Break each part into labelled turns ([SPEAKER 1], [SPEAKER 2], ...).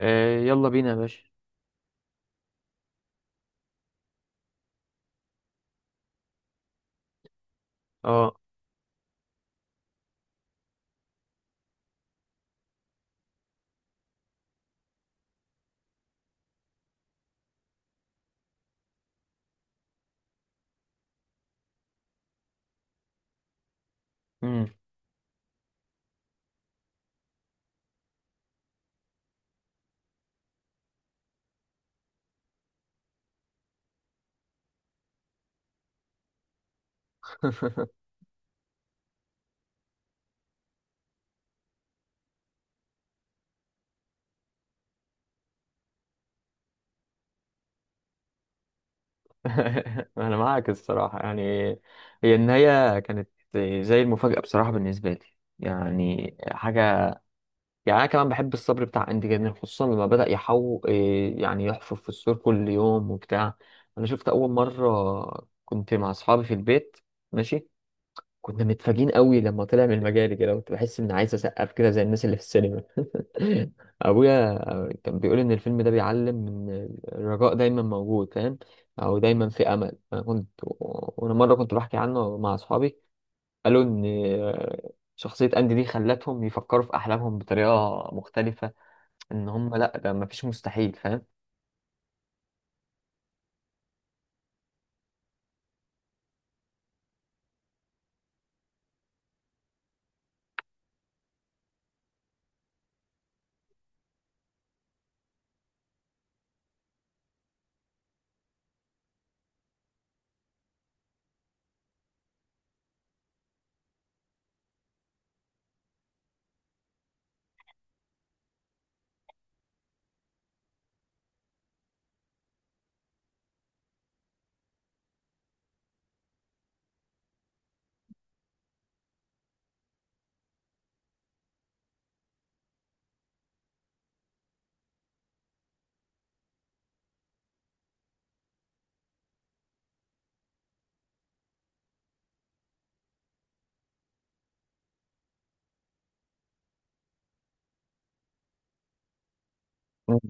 [SPEAKER 1] يلا بينا يا باشا. اه. مم. انا معاك الصراحه، يعني هي النهايه كانت زي المفاجاه بصراحه بالنسبه لي، يعني حاجه، يعني انا كمان بحب الصبر بتاع اندي جدا، خصوصا لما بدا يحو إيه، يعني يحفر في السور كل يوم وبتاع. انا شفت اول مره كنت مع اصحابي في البيت. ماشي. كنا متفاجئين قوي لما طلع من المجال كده، كنت بحس اني عايز اسقف كده زي الناس اللي في السينما. ابويا كان بيقول ان الفيلم ده بيعلم ان الرجاء دايما موجود، فاهم، او دايما في امل. انا كنت وانا مره كنت بحكي عنه مع اصحابي، قالوا ان شخصيه اندي دي خلتهم يفكروا في احلامهم بطريقه مختلفه، ان هم لا، ده مفيش مستحيل، فاهم. م-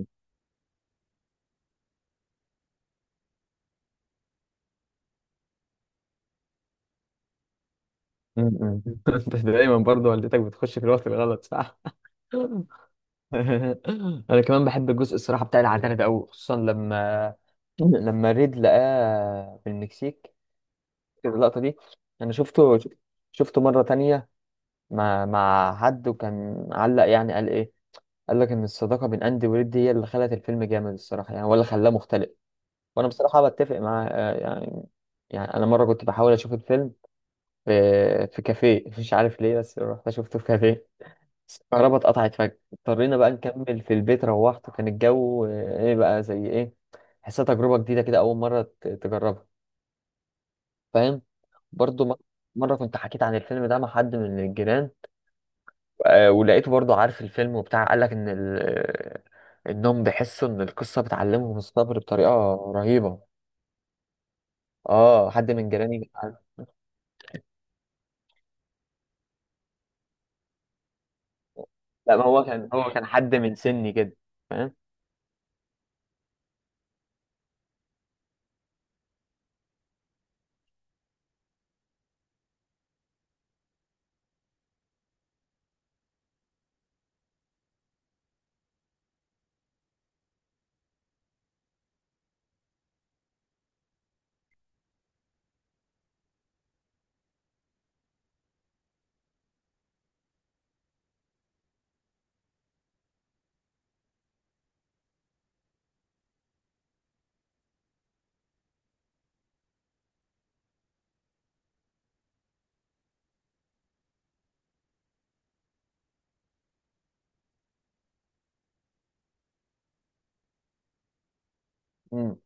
[SPEAKER 1] م- م. انت دايما برضه والدتك بتخش في الوقت الغلط، صح؟ انا كمان بحب الجزء الصراحه بتاع العتاله ده قوي، خصوصا لما لما ريد لقاه في المكسيك. فاكر اللقطه دي؟ انا شفته مره تانية مع حد، وكان علق يعني، قال لك ان الصداقه بين اندي وريد هي اللي خلت الفيلم جامد الصراحه، يعني ولا خلاه مختلف. وانا بصراحه بتفق معاه، يعني. يعني انا مره كنت بحاول اشوف الفيلم في في كافيه، مش عارف ليه، بس رحت شفته في كافيه. الكهرباء اتقطعت فجأة، اضطرينا بقى نكمل في البيت. روحت وكان الجو ايه بقى زي ايه، حسيت تجربة جديدة كده، أول مرة تجربها، فاهم؟ برضو مرة كنت حكيت عن الفيلم ده مع حد من الجيران، ولقيته برضو عارف الفيلم وبتاع، قال لك إن إنهم بيحسوا إن القصة بتعلمهم الصبر بطريقة رهيبة. اه، حد من جيراني لا، ما هو كان حد من سني كده، فاهم. مم.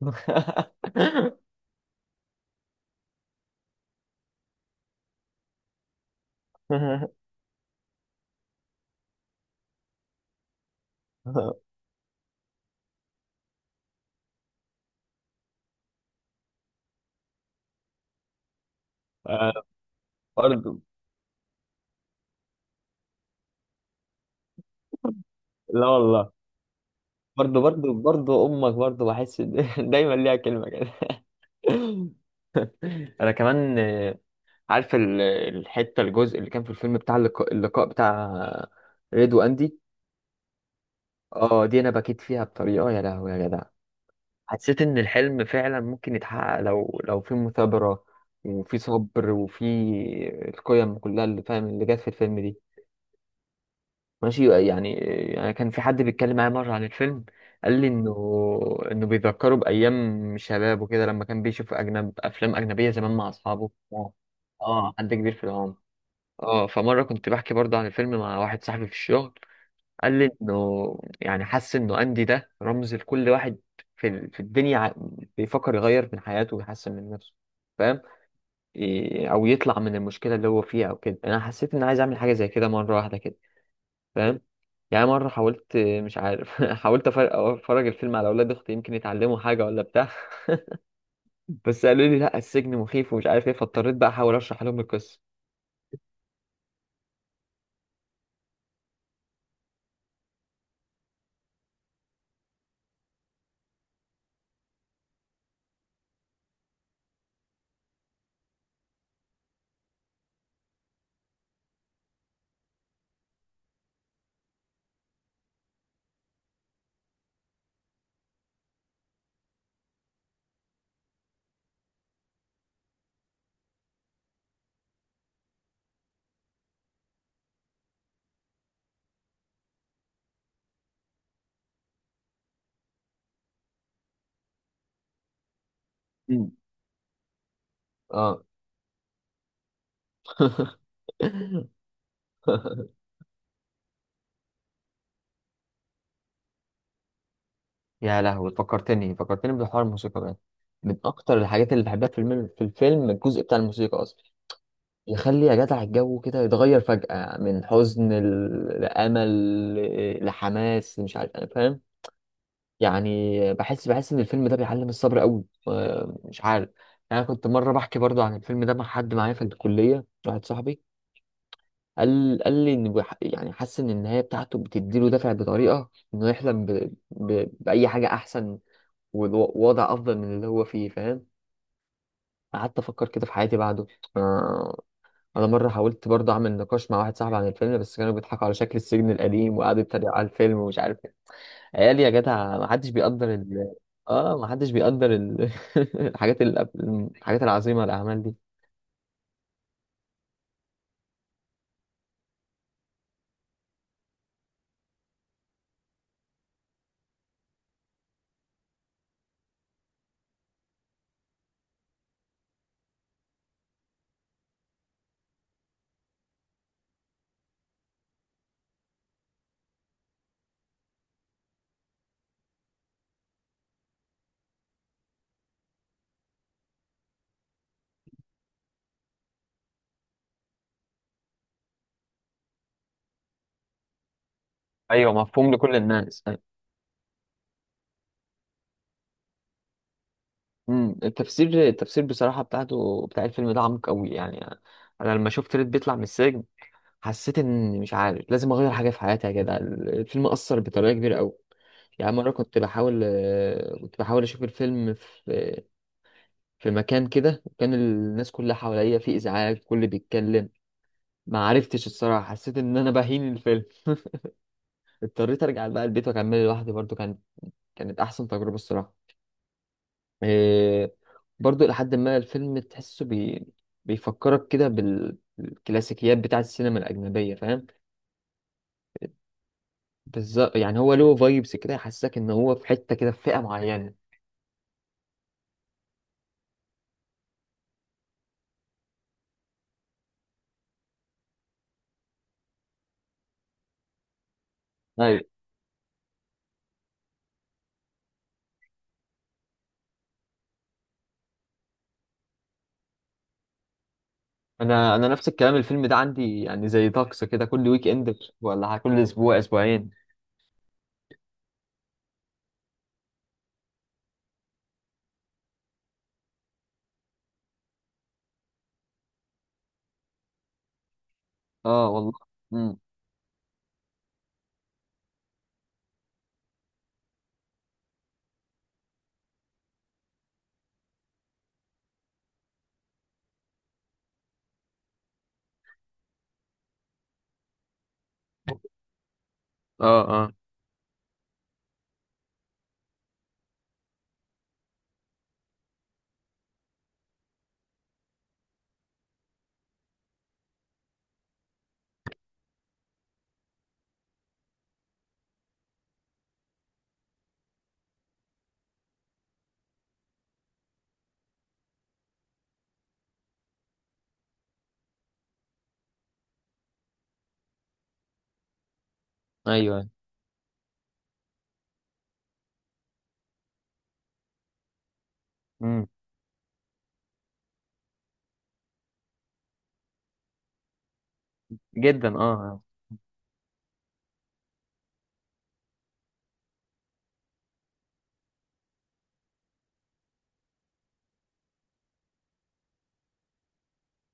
[SPEAKER 1] آه، برضو. لا والله، برضه امك، برضه بحس دايما ليها كلمه كده. انا كمان، عارف ال- الحته الجزء اللي كان في الفيلم بتاع اللقاء بتاع ريد واندي. اه، دي انا بكيت فيها بطريقه، يا لهوي يا جدع. حسيت ان الحلم فعلا ممكن يتحقق لو في مثابره، وفي صبر، وفي القيم كلها اللي فاهم اللي جت في الفيلم دي، ماشي يعني. يعني كان في حد بيتكلم معايا مرة عن الفيلم، قال لي انه بيذكره بايام شبابه كده، لما كان بيشوف اجنب افلام اجنبية زمان مع اصحابه. اه. حد كبير في العمر. اه، فمرة كنت بحكي برضه عن الفيلم مع واحد صاحبي في الشغل، قال لي انه يعني حس انه اندي ده رمز لكل واحد في في الدنيا بيفكر يغير من حياته ويحسن من نفسه، فاهم. او يطلع من المشكلة اللي هو فيها او كده. انا حسيت اني عايز اعمل حاجة زي كده مرة واحدة كده، فاهم. يعني مرة حاولت، مش عارف، حاولت افرج الفيلم على اولاد اختي يمكن يتعلموا حاجة ولا بتاع. بس قالوا لي لا، السجن مخيف، ومش عارف ايه، فاضطريت بقى احاول اشرح لهم القصة. مم. اه. يا لهوي، فكرتني، فكرتني بحوار الموسيقى ده. من اكتر الحاجات اللي بحبها في الفيلم، في الفيلم الجزء بتاع الموسيقى اصلا، يخلي يا جدع الجو كده يتغير فجأة من حزن لأمل، لحماس، مش عارف، انا فاهم. يعني بحس، بحس ان الفيلم ده بيعلم الصبر قوي، مش عارف. يعني انا كنت مره بحكي برضو عن الفيلم ده مع حد معايا في الكليه، واحد صاحبي، قال لي ان يعني حاسس ان النهايه بتاعته بتديله دافع بطريقه انه يحلم باي حاجه احسن، ووضع افضل من اللي هو فيه، فاهم. قعدت افكر كده في حياتي بعده. آه، انا مره حاولت برضه اعمل نقاش مع واحد صاحبي عن الفيلم، بس كانوا بيضحكوا على شكل السجن القديم، وقعدوا يتريقوا على الفيلم، ومش عارف، عيال يا جدع، ما حدش بيقدر ال... اه، ما حدش بيقدر ال... الحاجات ال... الحاجات العظيمة، الأعمال دي. ايوه، مفهوم لكل الناس، أيوة. التفسير بصراحة بتاعته بتاع الفيلم ده عميق قوي يعني. انا لما شفت ريد بيطلع من السجن، حسيت ان مش عارف، لازم اغير حاجة في حياتي. يا جدع الفيلم أثر بطريقة كبيرة قوي. يعني مرة كنت بحاول، كنت بحاول أشوف الفيلم في في مكان كده، وكان الناس كلها حواليا في إزعاج، كل بيتكلم، ما عرفتش الصراحة، حسيت ان انا بهين الفيلم. اضطريت ارجع بقى البيت واكمله لوحدي، برضو كان، كانت احسن تجربة الصراحة. إيه. برضو لحد ما الفيلم تحسه بيفكرك كده بالكلاسيكيات بتاعة السينما الأجنبية، فاهم. بالظبط، يعني هو له فايبس كده يحسسك ان هو في حتة كده، في فئة معينة. ايوه. انا نفس الكلام، الفيلم ده عندي يعني زي طقس كده كل ويك اند، ولا كل اسبوع اسبوعين. اه والله. امم اه. اه. ايوه. امم جدا. اه. آه.